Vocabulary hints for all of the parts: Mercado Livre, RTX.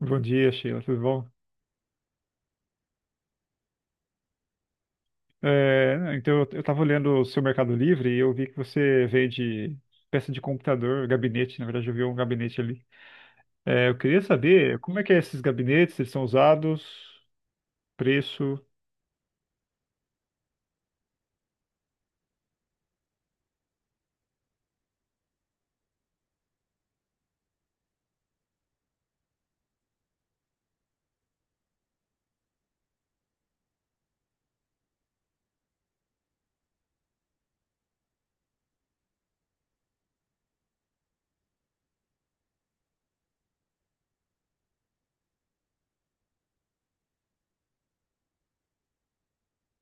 Bom dia, Sheila, tudo bom? Eu estava olhando o seu Mercado Livre e eu vi que você vende peça de computador, gabinete, na verdade eu vi um gabinete ali. Eu queria saber como é que é esses gabinetes, eles são usados, preço...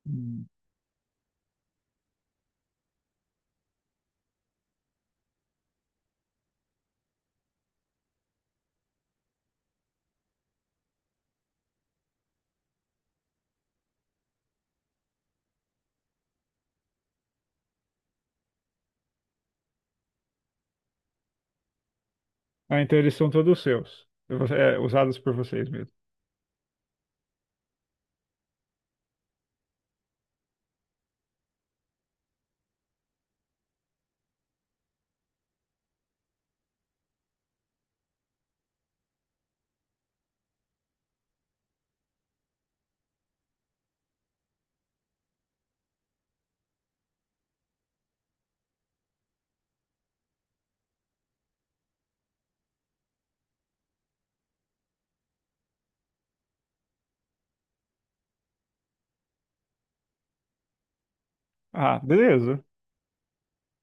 Hum. Ah, então eles são todos seus, usados por vocês mesmo. Ah, beleza.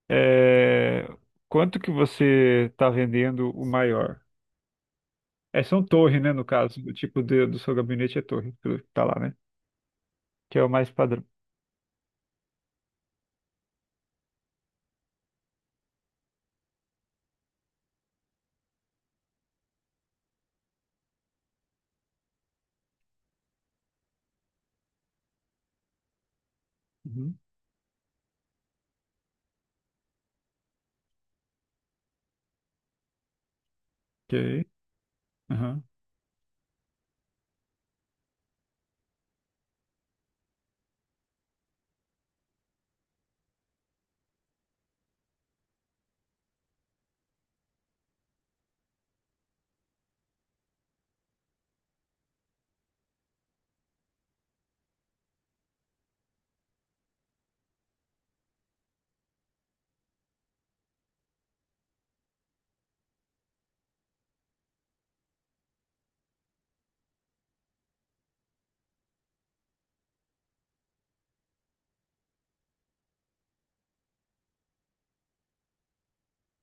É, quanto que você está vendendo o maior? É, são torre, né, no caso, o tipo do seu gabinete é torre, pelo que tá lá, né? Que é o mais padrão. Uhum. Ok. Aham.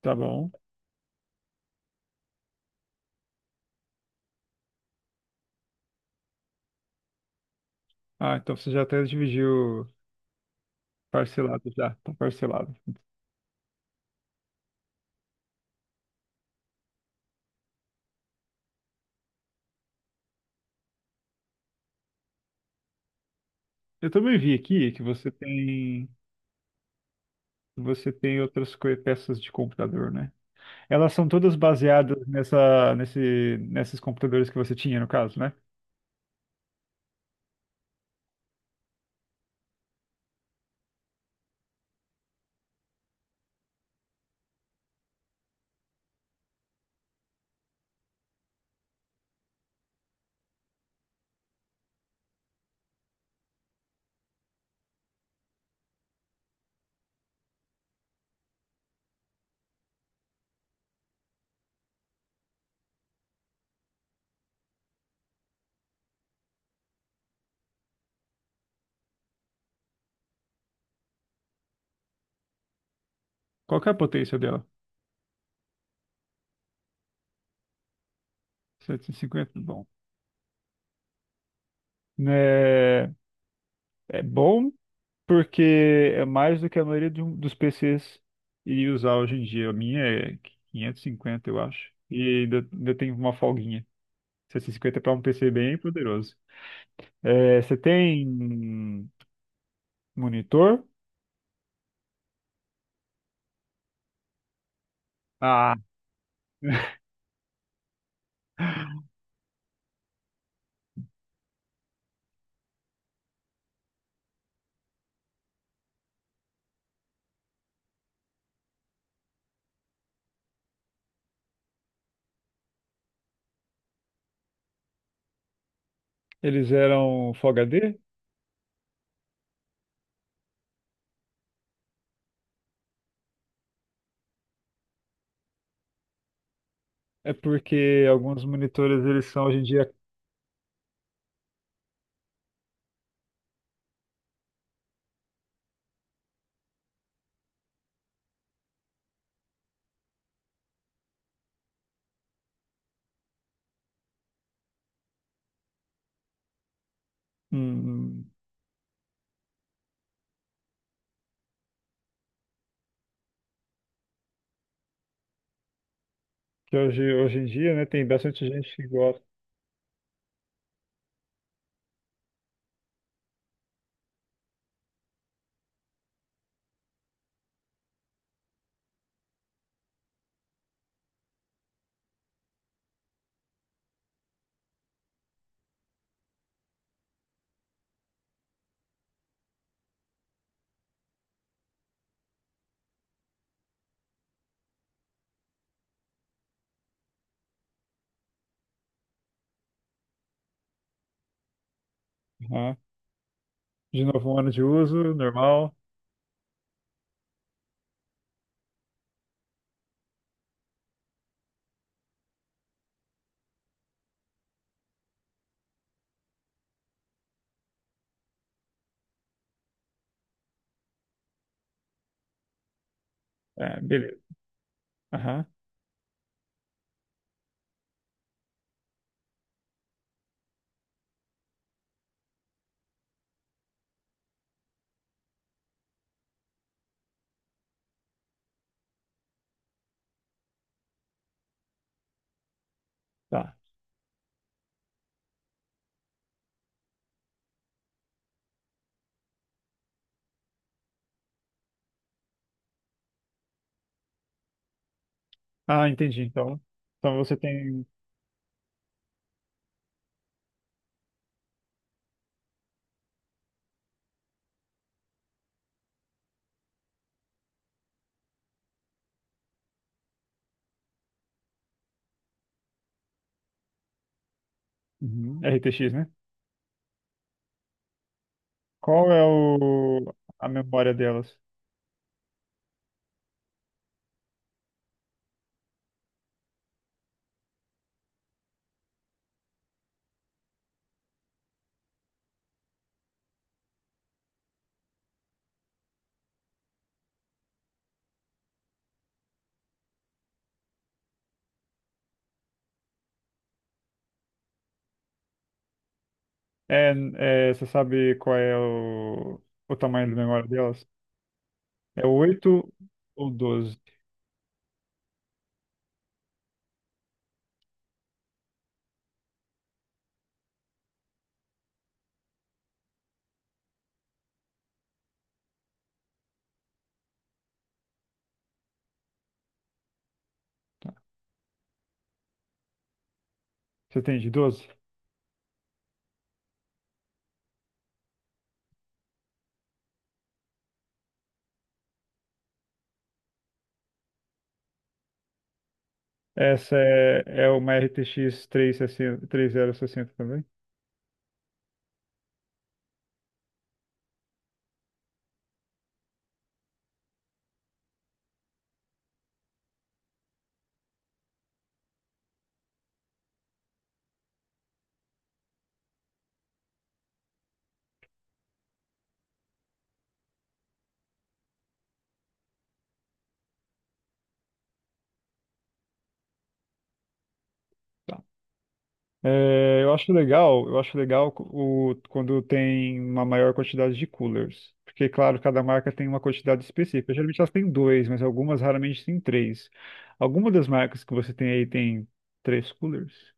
Tá bom. Ah, então você já até dividiu parcelado já, tá parcelado. Eu também vi aqui que você tem outras peças de computador, né? Elas são todas baseadas nessa nesse nesses computadores que você tinha no caso, né? Qual que é a potência dela? 750, bom. É, é bom, porque é mais do que a maioria de dos PCs iria usar hoje em dia. A minha é 550, eu acho. E ainda, tem uma folguinha. 750 para um PC bem poderoso. É, você tem monitor? Ah, eles eram Full HD? É porque alguns monitores eles são hoje em dia hum, que hoje em dia, né, tem bastante gente que gosta. Aham. De novo, um ano de uso, normal. É, beleza. Aham. Tá. Ah, entendi. Então, então você tem uhum, RTX, né? Qual é o... a memória delas? É, você sabe qual é o tamanho da memória delas? É 8 ou 12? Você tem de 12? Essa é, é uma RTX 360, 63.060 também? É, eu acho legal, quando tem uma maior quantidade de coolers. Porque, claro, cada marca tem uma quantidade específica. Geralmente elas têm dois, mas algumas raramente têm três. Alguma das marcas que você tem aí tem três coolers?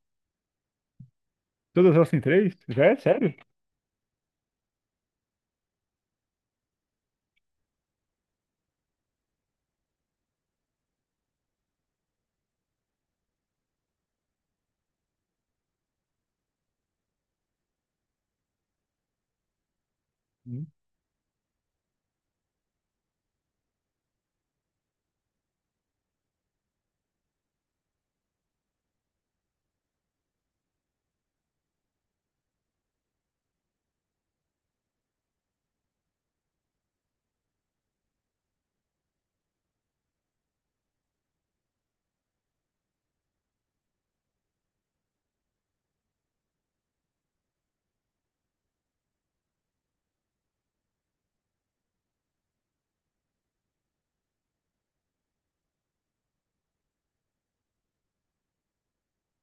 Todas elas têm três? Já é sério? Hum.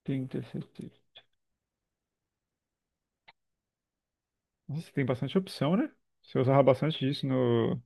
Tem, tem, tem, tem. Nossa, tem bastante opção, né? Você usava bastante disso no.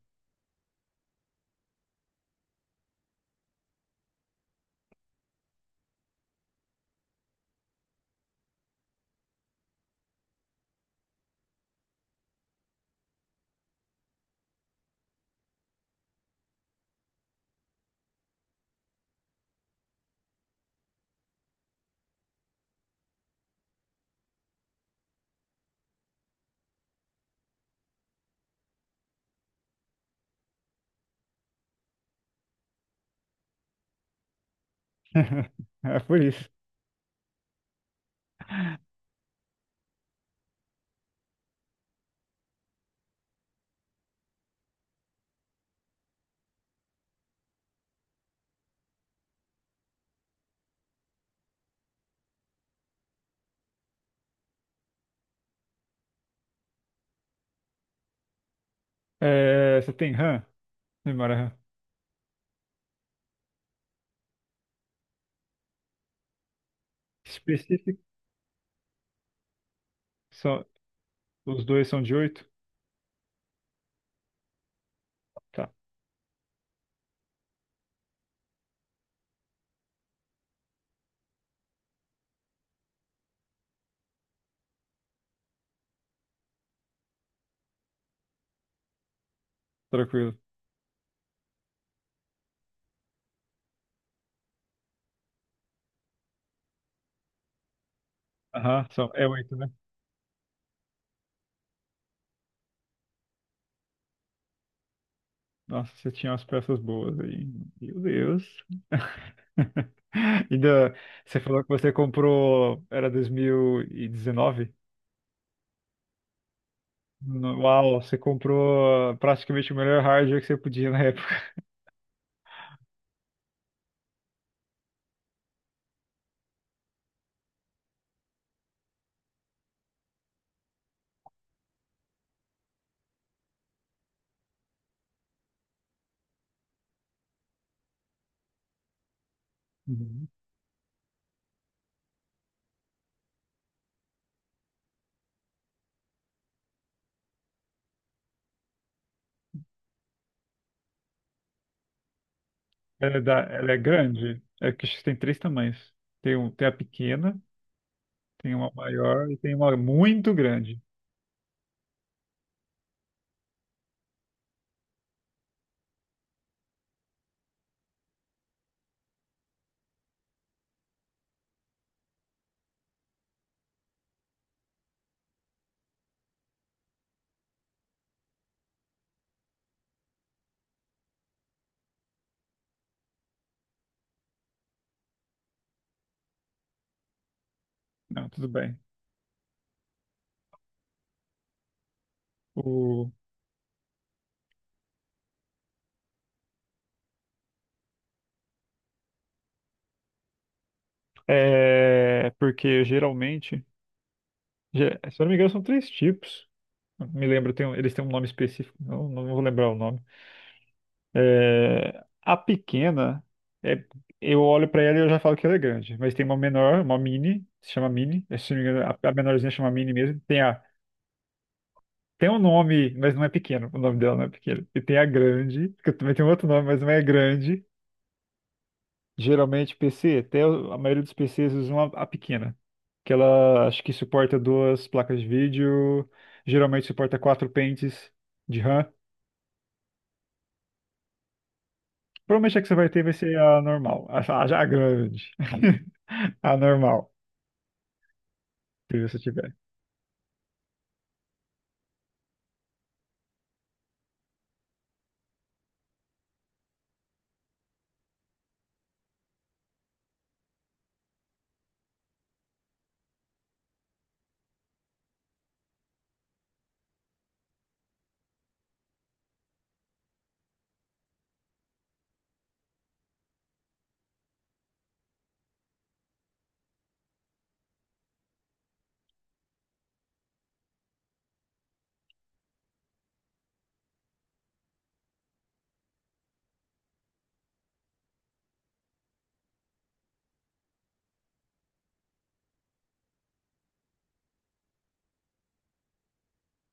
É por isso. É, você tem RAM? Memória RAM. Específico. Só, os dois são de oito? Tá, tranquilo. Aham, são, é oito, né? Nossa, você tinha umas peças boas aí. Meu Deus. Ainda, você falou que você comprou, era 2019? Uau, você comprou praticamente o melhor hardware que você podia na época. Uhum. Ela é, ela é grande? É que acho que tem três tamanhos. Tem, um, tem a pequena, tem uma maior e tem uma muito grande. Não, tudo bem. O, é, porque geralmente, se eu não me engano, são três tipos. Me lembro, tem eles têm um nome específico, não vou lembrar o nome. É, a pequena, é, eu olho pra ela e eu já falo que ela é grande, mas tem uma menor, uma mini, se chama mini, é, se não me engano, a menorzinha chama mini mesmo. Tem a, tem um nome, mas não é pequeno, o nome dela não é pequeno. E tem a grande, que também tem um outro nome, mas não é grande. Geralmente PC, até a maioria dos PCs usam a pequena, que ela acho que suporta duas placas de vídeo, geralmente suporta quatro pentes de RAM. Provavelmente a que você vai ter vai ser a normal. A já grande. A normal, se você tiver.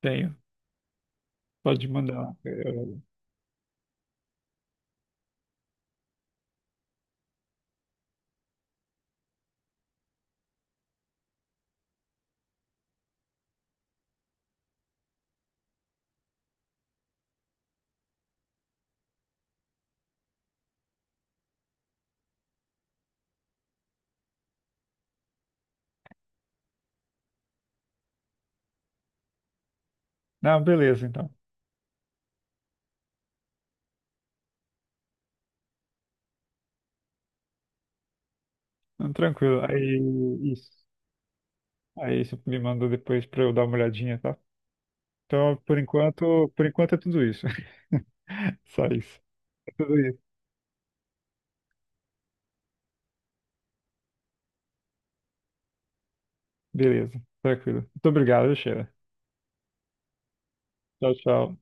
Tenho. Pode mandar. Lá. Eu- Não, beleza, então. Não, tranquilo. Aí, isso. Aí você me manda depois pra eu dar uma olhadinha, tá? Então, por enquanto é tudo isso. Só isso. É tudo isso. Beleza, tranquilo. Muito obrigado, Sheila. Tchau, tchau.